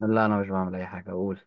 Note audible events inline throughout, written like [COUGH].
لا، انا مش بعمل اي حاجه. اقول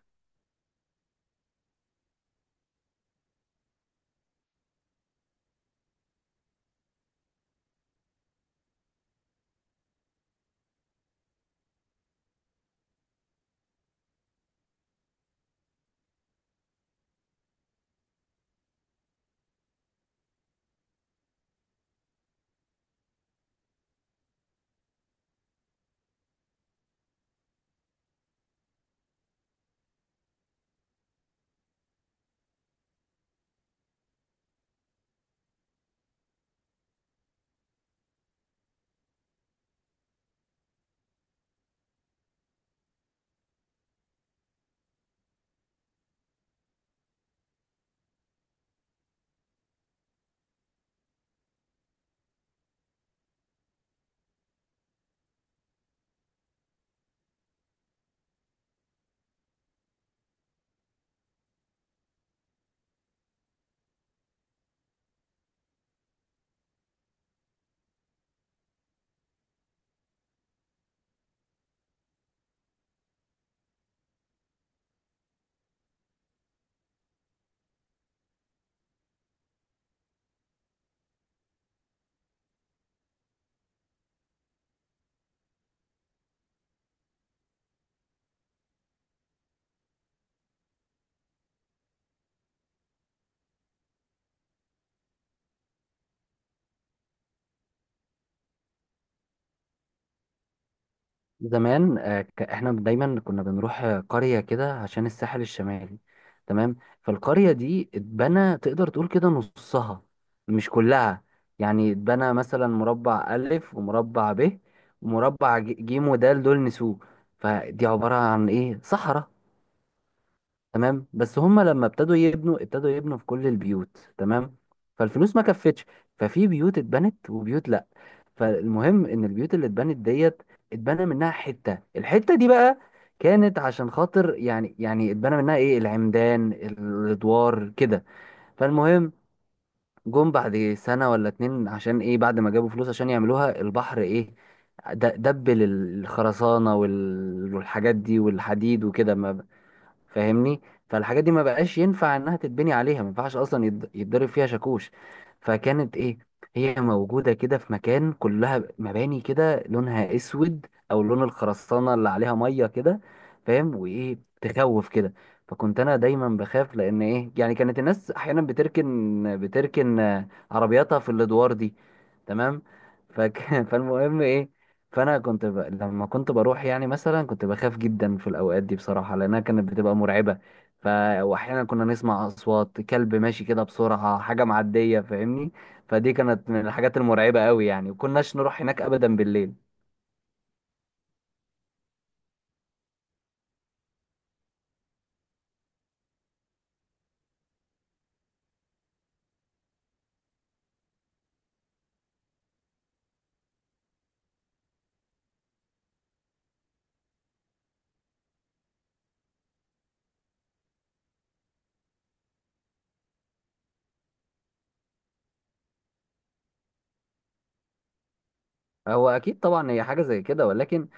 زمان، احنا دايما كنا بنروح قريه كده عشان الساحل الشمالي. تمام فالقريه دي اتبنى تقدر تقول كده نصها، مش كلها. يعني اتبنى مثلا مربع الف، ومربع ب، ومربع جيم، ودال، دول نسوه. فدي عباره عن ايه، صحراء. تمام بس هما لما ابتدوا يبنوا في كل البيوت، تمام فالفلوس ما كفتش. ففي بيوت اتبنت وبيوت لا. فالمهم ان البيوت اللي اتبنت ديت اتبنى منها حتة. الحتة دي بقى كانت عشان خاطر يعني، اتبنى منها ايه، العمدان الادوار كده. فالمهم جم بعد سنة ولا اتنين، عشان ايه، بعد ما جابوا فلوس عشان يعملوها البحر ايه، دبل الخرسانة والحاجات دي والحديد وكده، ما فاهمني؟ فالحاجات دي ما بقاش ينفع انها تتبني عليها، ما ينفعش اصلا يتضرب فيها شاكوش. فكانت ايه، هي موجودة كده في مكان كلها مباني كده لونها اسود او لون الخرسانة اللي عليها مية كده، فاهم؟ وايه، تخوف كده. فكنت انا دايما بخاف، لان ايه يعني، كانت الناس احيانا بتركن عربياتها في الادوار دي. تمام فك... [LAUGHS] فالمهم ايه، فانا كنت لما كنت بروح يعني مثلا كنت بخاف جدا في الاوقات دي بصراحه، لانها كانت بتبقى مرعبه. ف واحيانا كنا نسمع اصوات كلب ماشي كده بسرعه، حاجه معديه، فاهمني؟ فدي كانت من الحاجات المرعبه قوي يعني، وكناش نروح هناك ابدا بالليل. هو اكيد طبعا هي حاجه زي كده، ولكن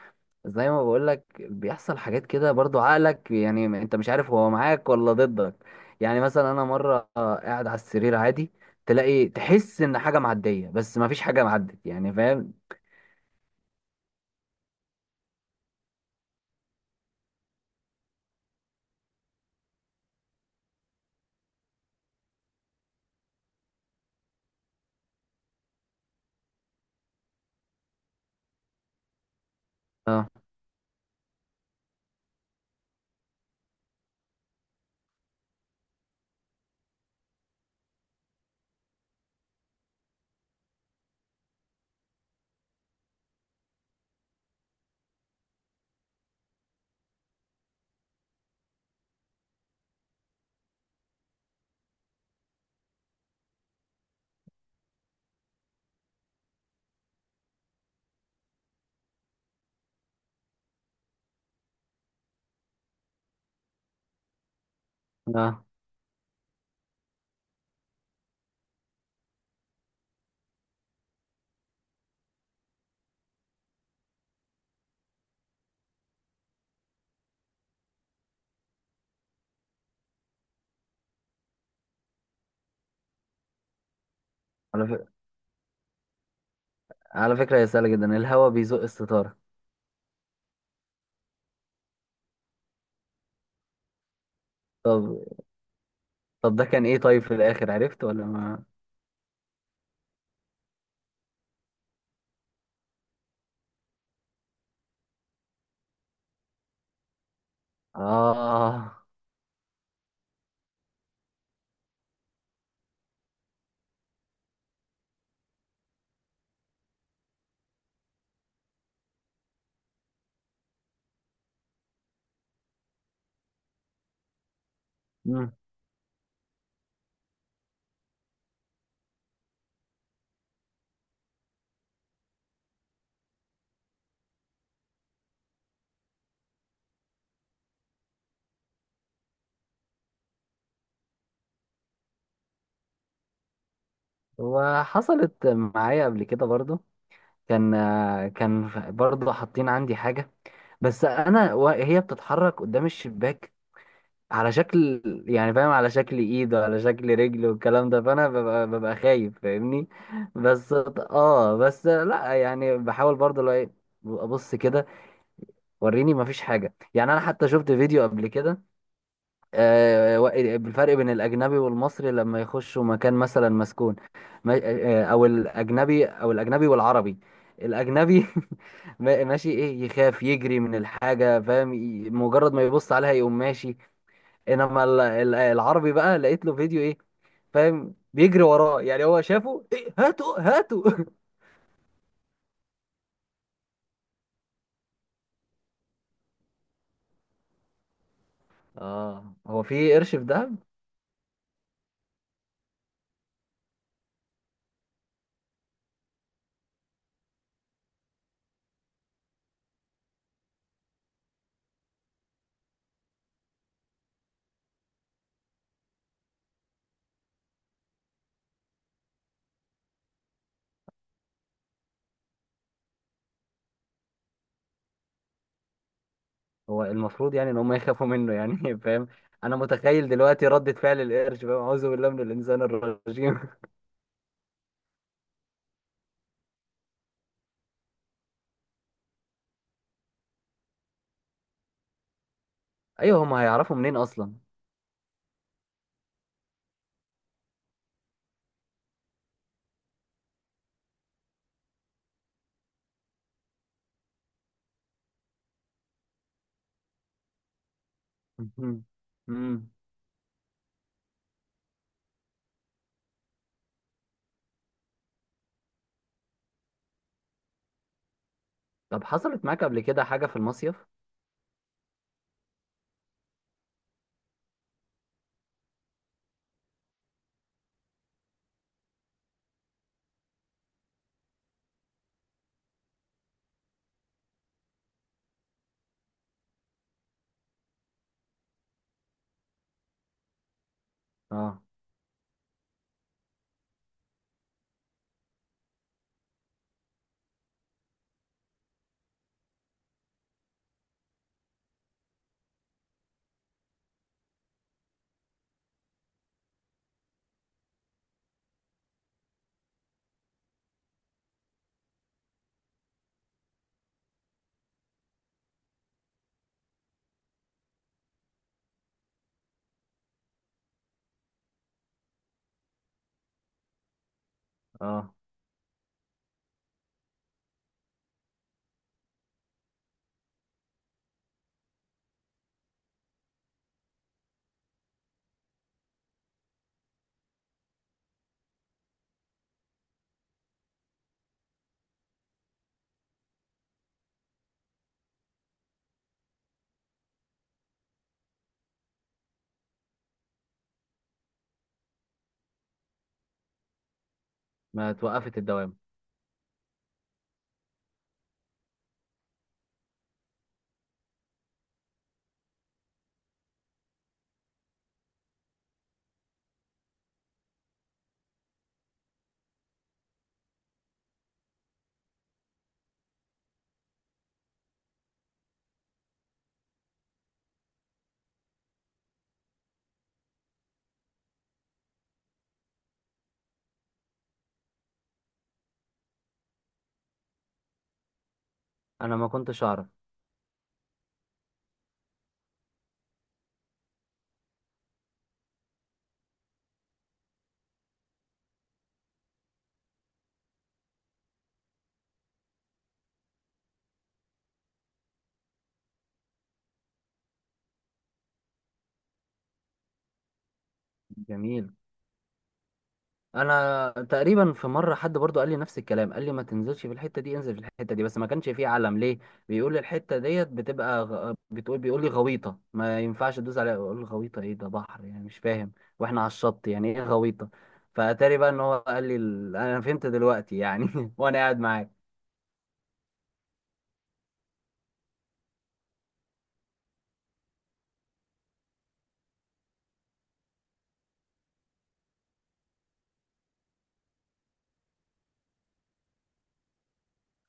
زي ما بقول لك بيحصل حاجات كده برضو، عقلك يعني، انت مش عارف هو معاك ولا ضدك. يعني مثلا انا مره قاعد على السرير عادي، تلاقي تحس ان حاجه معديه، بس ما فيش حاجه معدت، يعني فاهم. اه. على على فكرة هي سهلة جدا، الهوا بيزق الستارة. طب، ده كان ايه؟ طيب في الاخر عرفت ولا ما. اه. مم. وحصلت معايا قبل كده برضو. كان برضو حاطين عندي حاجة، بس انا وهي بتتحرك قدام الشباك، على شكل، يعني فاهم، على شكل ايد وعلى شكل رجل والكلام ده، فانا ببقى خايف، فاهمني. بس اه، بس لا يعني بحاول برضو، لو ايه ابص كده، وريني مفيش حاجة يعني. أنا حتى شفت فيديو قبل كده، آه، و- بالفرق بين الأجنبي والمصري لما يخشوا مكان مثلا مسكون. أو الأجنبي والعربي. الأجنبي [LAUGHS] ماشي إيه، يخاف يجري من الحاجة، فاهم، مجرد ما يبص عليها يقوم ماشي. إنما العربي بقى لقيت له فيديو إيه، فاهم، بيجري وراه. يعني هو شافه إيه؟ هاتوا هاتوا. [LAUGHS] آه، هو في قرش في دهب. هو المفروض يعني ان هم يخافوا منه، يعني [LAUGHS] فاهم. انا متخيل دلوقتي ردة فعل القرش، فاهم، اعوذ بالله من الانسان الرجيم. [LAUGHS] ايوه، هم هيعرفوا منين اصلا. [LAUGHS] امم. طب حصلت معاك قبل كده حاجة في المصيف؟ اه. اه، ما توقفت الدوام. انا ما كنتش اعرف. جميل. انا تقريبا في مره حد برضو قال لي نفس الكلام، قال لي ما تنزلش في الحته دي، انزل في الحته دي. بس ما كانش فيه علم، ليه؟ بيقول لي الحته ديت بتبقى غ... بتقول بيقول لي غويطه، ما ينفعش تدوس عليها. اقول له غويطه ايه؟ ده بحر يعني مش فاهم، واحنا على الشط، يعني ايه غويطه؟ فاتاري بقى ان هو قال لي انا فهمت دلوقتي يعني، [LAUGHS] وانا قاعد معاك.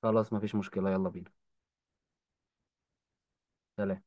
خلاص ما فيش مشكله، يلا بينا. سلام.